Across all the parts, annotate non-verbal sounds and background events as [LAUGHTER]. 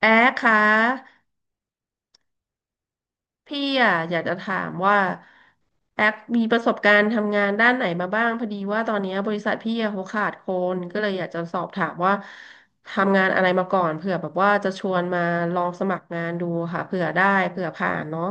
แอ๊กคะพี่อ่ะอยากจะถามว่าแอ๊กมีประสบการณ์ทำงานด้านไหนมาบ้างพอดีว่าตอนนี้บริษัทพี่อ่ะเขาขาดคนก็เลยอยากจะสอบถามว่าทำงานอะไรมาก่อนเผื่อแบบว่าจะชวนมาลองสมัครงานดูค่ะเผื่อได้เผื่อผ่านเนาะ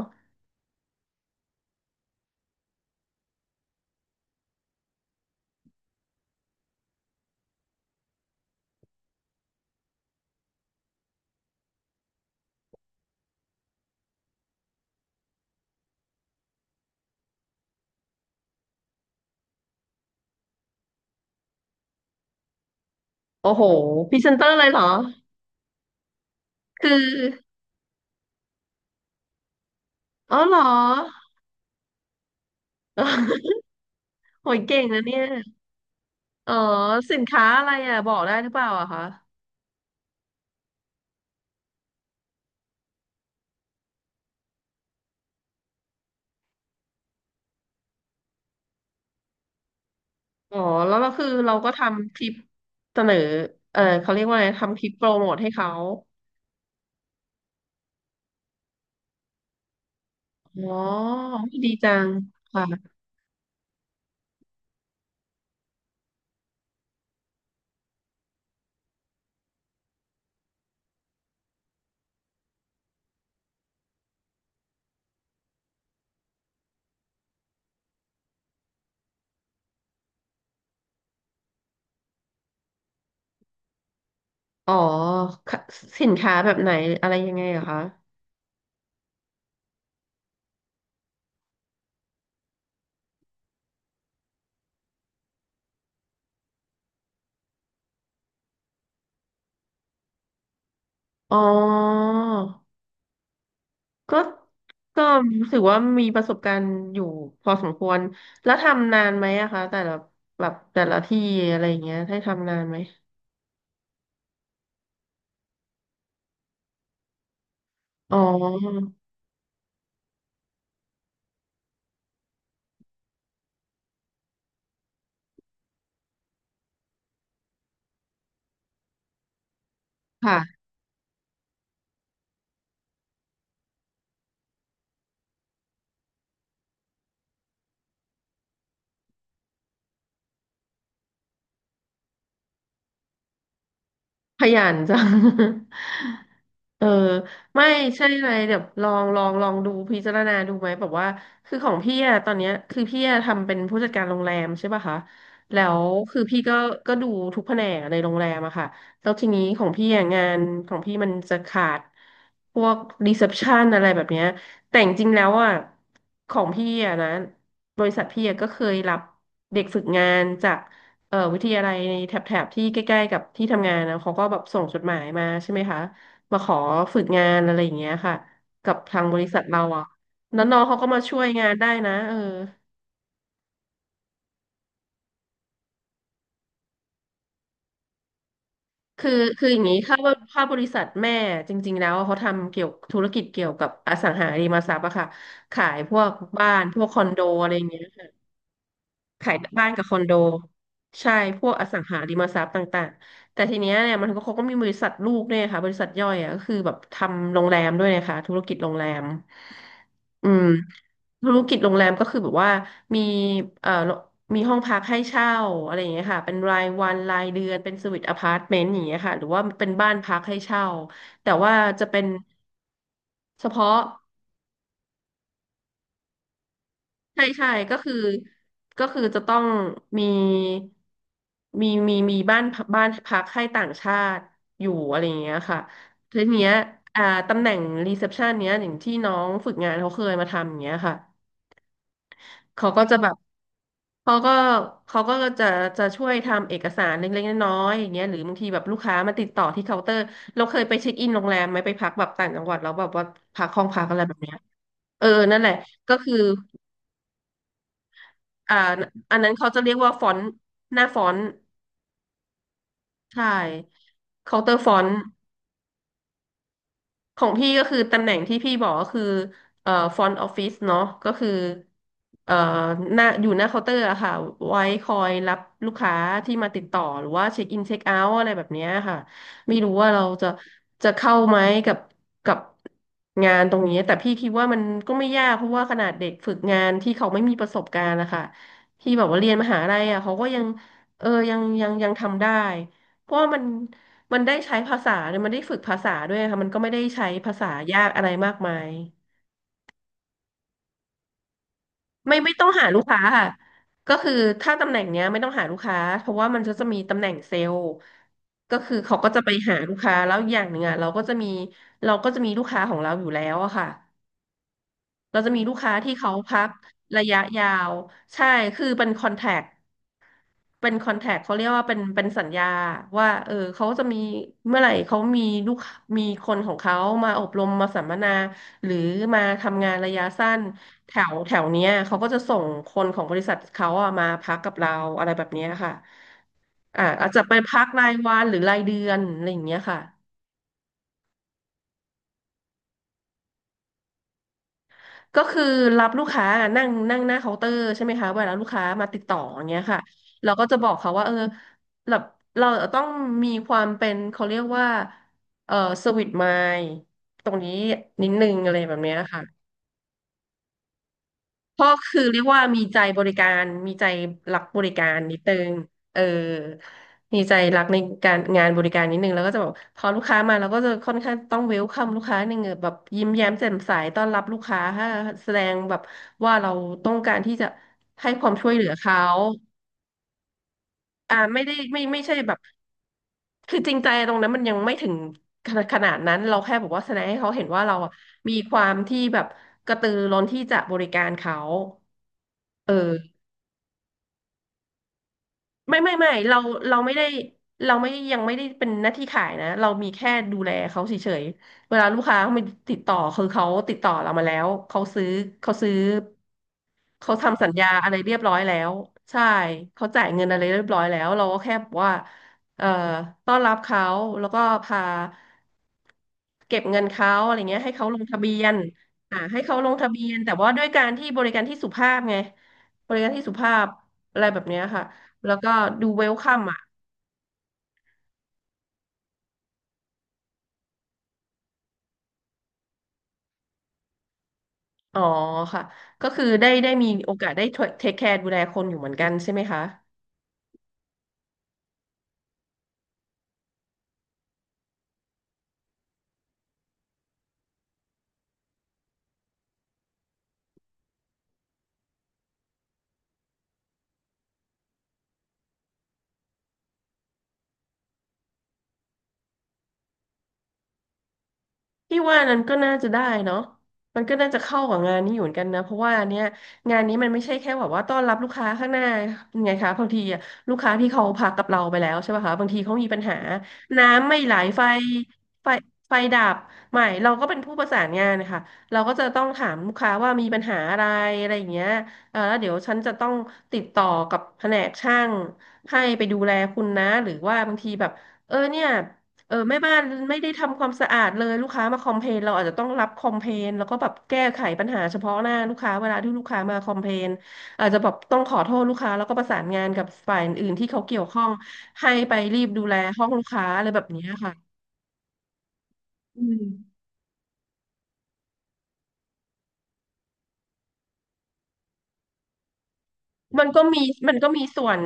โอ้โหพรีเซนเตอร์เลยเหรอคืออ๋อเหรอ [LAUGHS] โหยเก่งนะเนี่ยอ๋อสินค้าอะไรอ่ะบอกได้หรือเปล่าอะคะ อ๋อแล้วก็คือเราก็ทำคลิปเสนอเออเขาเรียกว่าอะไรทำคลิปโปรโมทให้เขา อ๋อดีจังค่ะ อ๋อค่ะสินค้าแบบไหนอะไรยังไงเหรอคะ อ๋อก็ก็ถือว่ามีประสบการณ์อยู่พอสมควรแล้วทำนานไหมอะคะแต่ละแบบแต่ละที่อะไรอย่างเงี้ยให้ทำนานไหมอ๋อค่ะ ขยันจัง [LAUGHS] เออไม่ใช่อะไรเดี๋ยวลองดูพิจารณาดูไหมแบบว่าคือของพี่อะตอนเนี้ยคือพี่อะทำเป็นผู้จัดการโรงแรมใช่ป่ะคะแล้วคือพี่ก็ดูทุกแผนกในโรงแรมอะค่ะแล้วทีนี้ของพี่อะงานของพี่มันจะขาดพวกรีเซพชันอะไรแบบเนี้ยแต่จริงๆแล้วอะของพี่อะนะบริษัทพี่อะก็เคยรับเด็กฝึกงานจาก วิทยาลัยในแถบที่ใกล้ๆกับที่ทำงานนะเขาก็แบบส่งจดหมายมาใช่ไหมคะมาขอฝึกงานอะไรอย่างเงี้ยค่ะกับทางบริษัทเราอ่ะแล้วน้องเขาก็มาช่วยงานได้นะเออคือคืออย่างนี้ค่ะว่าถ้าบริษัทแม่จริงๆแล้วเขาทำเกี่ยวธุรกิจเกี่ยวกับอสังหาริมทรัพย์อะค่ะขายพวกบ้านพวกคอนโดอะไรอย่างเงี้ย ขายบ้านกับคอนโดใช่พวกอสังหาริมทรัพย์ต่างๆแต่ทีเนี้ยเนี่ยมันก็เขาก็มีบริษัทลูกเนี่ยค่ะบริษัทย่อยอ่ะก็คือแบบทำโรงแรมด้วยนะคะธุรกิจโรงแรมอืมธุรกิจโรงแรมก็คือแบบว่ามีเอ่อมีห้องพักให้เช่าอะไรอย่างเงี้ยค่ะเป็นรายวันรายเดือนเป็นสวิทอพาร์ตเมนต์อย่างเงี้ยค่ะหรือว่าเป็นบ้านพักให้เช่าแต่ว่าจะเป็นเฉพาะ ใช่ใช่ก็คือจะต้องมีมีบ้านพักให้ต่างชาติอยู่อะไรอย่างเงี้ยค่ะทีเนี้ยอ่าตำแหน่งรีเซพชันเนี้ยอย่างที่น้องฝึกงานเขาเคยมาทำอย่างเงี้ยค่ะเขาก็จะแบบเขาก็เขาก็จะจะช่วยทำเอกสารเล็กๆน้อยๆอย่างเงี้ยหรือบางทีแบบลูกค้ามาติดต่อที่เคาน์เตอร์เราเคยไปเช็คอินโรงแรมไหมไปพักแบบต่างจังหวัดแล้วแบบว่าพักห้องพักอะไรแบบเนี้ยเออนั่นแหละก็คือ อ่าอันนั้นเขาจะเรียกว่าฟอนต์หน้าฟอนต์ใช่เคาน์เตอร์ฟอนต์ ของพี่ก็คือตำแหน่งที่พี่บอกก็คือฟรอนต์ออฟฟิศเนาะก็คือเอ่อหน้าอยู่หน้าเคาน์เตอร์อะค่ะไว้คอยรับลูกค้าที่มาติดต่อหรือว่าเช็คอินเช็คเอาท์อะไรแบบเนี้ยค่ะไม่รู้ว่าเราจะจะเข้าไหมกับกับงานตรงนี้แต่พี่คิดว่ามันก็ไม่ยากเพราะว่าขนาดเด็กฝึกงานที่เขาไม่มีประสบการณ์นะคะที่แบบว่าเรียนมหาลัยอะเขาก็ยังเออยังทำได้เพราะว่ามัน มันได้ใช้ภาษาเนี่ยมันได้ฝึกภาษาด้วยค่ะมันก็ไม่ได้ใช้ภาษายากอะไรมากมายไม่ต้องหาลูกค้าค่ะก็คือถ้าตำแหน่งเนี้ยไม่ต้องหาลูกค้าเพราะว่ามันจะมีตำแหน่งเซลล์ก็คือเขาก็จะไปหาลูกค้าแล้วอย่างหนึ่งอ่ะเราก็จะมีเราก็จะมีลูกค้าของเราอยู่แล้วอะค่ะเราจะมีลูกค้าที่เขาพักระยะยาวใช่คือเป็นคอนแทค เป็นคอนแทคเขาเรียกว่าเป็นสัญญาว่าเออเขาจะมีเมื่อไหร่เขามีลูกมีคนของเขามาอบรมมาสัมมนาหรือมาทำงานระยะสั้นแถวแถวเนี้ยเขาก็จะส่งคนของบริษัทเขาอะมาพักกับเราอะไรแบบเนี้ยค่ะอ่าอาจจะไปพักรายวันหรือรายเดือนอะไรอย่างเงี้ยค่ะ ก็คือรับลูกค้าอะนั่งนั่งหน้าเคาน์เตอร์ใช่ไหมคะเวลาลูกค้ามาติดต่ออย่างเงี้ยค่ะเราก็จะบอกเขาว่าเออเราเราต้องมีความเป็นเขาเรียกว่าเออสวิตไมล์ตรงนี้นิดนึงอะไรแบบเนี้ยค่ะ พ่อคือเรียกว่ามีใจบริการมีใจรักบริการนิดนึงเออมีใจรักในการงานบริการนิดนึงแล้วก็จะแบบพอลูกค้ามาเราก็จะค่อนข้างต้องเวลคัมลูกค้าหนึ่งแบบยิ้มแย้มแจ่มใสต้อนรับลูกค้าให้แสดงแบบว่าเราต้องการที่จะให้ความช่วยเหลือเขาไม่ได้ไม่ใช่แบบคือจริงใจตรงนั้นมันยังไม่ถึงขนาดนั้นเราแค่บอกว่าแสดงให้เขาเห็นว่าเราอะมีความที่แบบกระตือร้นที่จะบริการเขาเออ ไม่เราไม่ได้เราไม่ยังไม่ได้เป็นหน้าที่ขายนะเรามีแค่ดูแลเขาเฉยๆเวลาลูกค้าเขามาติดต่อคือเขาติดต่อเรามาแล้วเขาซื้อเขาทำสัญญาอะไรเรียบร้อยแล้วใช่เขาจ่ายเงินอะไรเรียบร้อยแล้วเราก็แค่บอกว่าเอ่อต้อนรับเขาแล้วก็พา เก็บเงินเขาอะไรเงี้ยให้เขาลงทะเบียนให้เขาลงทะเบียนแต่ว่าด้วยการที่บริการที่สุภาพไงบริการที่สุภาพอะไรแบบเนี้ยค่ะแล้วก็ดูเวลคัมอ่ะอ๋อค่ะก็คือได้มีโอกาสได้เทคแคร์ดูแลคนอยู่เหมือนกันใช่ไหมคะ พี่ว่านั้นก็น่าจะได้เนาะมันก็น่าจะเข้ากับงานนี้อยู่เหมือนกันนะเพราะว่าเนี่ยงานนี้มันไม่ใช่แค่แบบว่าต้อนรับลูกค้าข้างหน้าไงคะบางทีอะลูกค้าที่เขาพักกับเราไปแล้วใช่ป่ะคะบางทีเขามีปัญหาน้ำไม่ไหลไฟไฟดับใหม่เราก็เป็นผู้ประสานงานนะคะเราก็จะต้องถามลูกค้าว่ามีปัญหาอะไรอะไรอย่างเงี้ยแล้วเดี๋ยวฉันจะต้องติดต่อกับแผนกช่างให้ไปดูแลคุณนะหรือว่าบางทีแบบเนี่ย แม่บ้านไม่ได้ทำความสะอาดเลยลูกค้ามาคอมเพลนเราอาจจะต้องรับคอมเพลนแล้วก็แบบแก้ไขปัญหาเฉพาะหน้าลูกค้าเวลาที่ลูกค้ามาคอมเพลนอาจจะแบบต้องขอโทษลูกค้าแล้วก็ประสานงานกับฝ่ายอื่นที่เขาเกี่ยวข้องให้ไปรีบดูแลห้องลูกค้าอะไรแบบเนี้ยค่ะอืม มันก็มีมันก็มีส่วน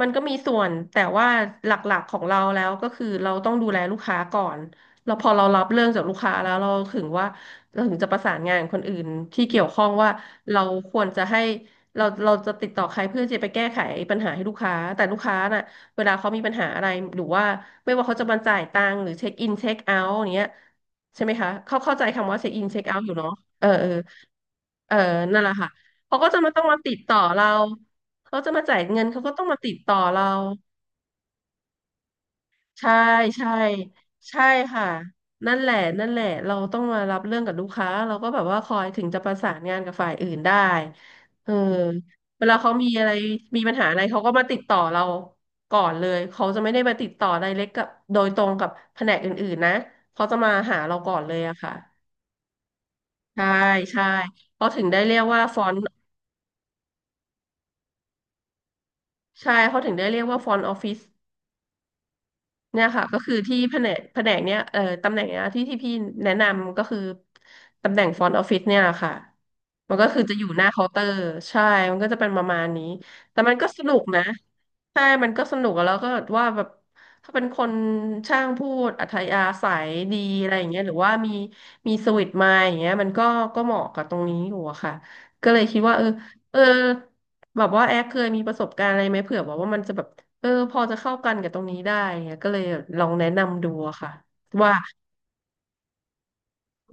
มันก็มีส่วนแต่ว่าหลักๆของเราแล้วก็คือเราต้องดูแลลูกค้าก่อนเราพอเรารับเรื่องจากลูกค้าแล้วเราถึงว่าเราถึงจะประสานงานกับคนอื่นที่เกี่ยวข้องว่าเราควรจะให้เราจะติดต่อใครเพื่อจะไปแก้ไขปัญหาให้ลูกค้าแต่ลูกค้าน่ะเวลาเขามีปัญหาอะไรหรือว่าไม่ว่าเขาจะมาจ่ายตังค์หรือเช็คอินเช็คเอาท์อย่างเงี้ยใช่ไหมคะเขาเข้าใจคำว่าเช็คอินเช็คเอาท์อยู่เนาะเออเออเออนั่นแหละค่ะ เขาก็จะมาต้องมาติดต่อเรา เขาจะมาจ่ายเงินเขาก็ต้องมาติดต่อเรา ใช่ใช่ใช่ค่ะนั่นแหละนั่นแหละเราต้องมารับเรื่องกับลูกค้าเราก็แบบว่าคอยถึงจะประสานงานกับฝ่ายอื่นได้เออเวลาเขามีอะไรมีปัญหาอะไรเขาก็มาติดต่อเราก่อนเลยเขาจะไม่ได้มาติดต่อไดเรกกับโดยตรงกับแผนกอื่นๆนะเขาจะมาหาเราก่อนเลยอะค่ะใช่ใช่เขาถึงได้เรียกว่าฟอนใช่เขาถึงได้เรียกว่าฟอนออฟฟิศ เนี่ยค่ะก็คือที่แผนกเนี้ยตำแหน่งเนี้ยที่พี่แนะนำก็คือตำแหน่งฟรอนต์ออฟฟิศเนี่ยค่ะมันก็คือจะอยู่หน้าเคาน์เตอร์ใช่มันก็จะเป็นประมาณนี้แต่มันก็สนุกนะใช่มันก็สนุกแล้วก็ว่าแบบถ้าเป็นคนช่างพูดอัธยาศัยดีอะไรอย่างเงี้ยหรือว่ามีสวิตมาอย่างเงี้ยมันก็ก็เหมาะกับตรงนี้อยู่อะค่ะก็เลยคิดว่าเออแบบว่าแอคเคยมีประสบการณ์อะไรไหมเผื่อแบบว่ามันจะแบบ พอจะเข้ากันกับตรงนี้ได้เงี้ยก็เลยลองแนะนำดูอะค่ะว่า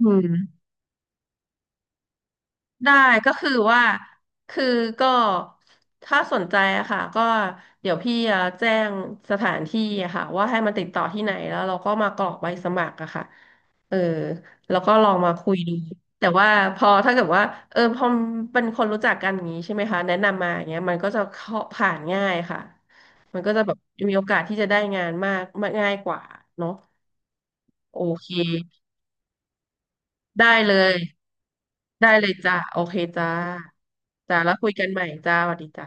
อืมได้ก็คือว่าคือก็ถ้าสนใจอะค่ะก็เดี๋ยวพี่จะแจ้งสถานที่อะค่ะว่าให้มันติดต่อที่ไหนแล้วเราก็มากรอกใบสมัครอะค่ะเออแล้วก็ลองมาคุยดูแต่ว่าพอถ้าเกิดว่าพอเป็นคนรู้จักกันอย่างนี้ใช่ไหมคะแนะนำมาอย่างเงี้ยมันก็จะเข้าผ่านง่ายค่ะมันก็จะแบบมีโอกาสที่จะได้งานมากมากง่ายกว่าเนาะ โอเคได้เลยได้เลยจ้ะโอเคจ้าจ้าแล้วคุยกันใหม่จ้าสวัสดีจ้า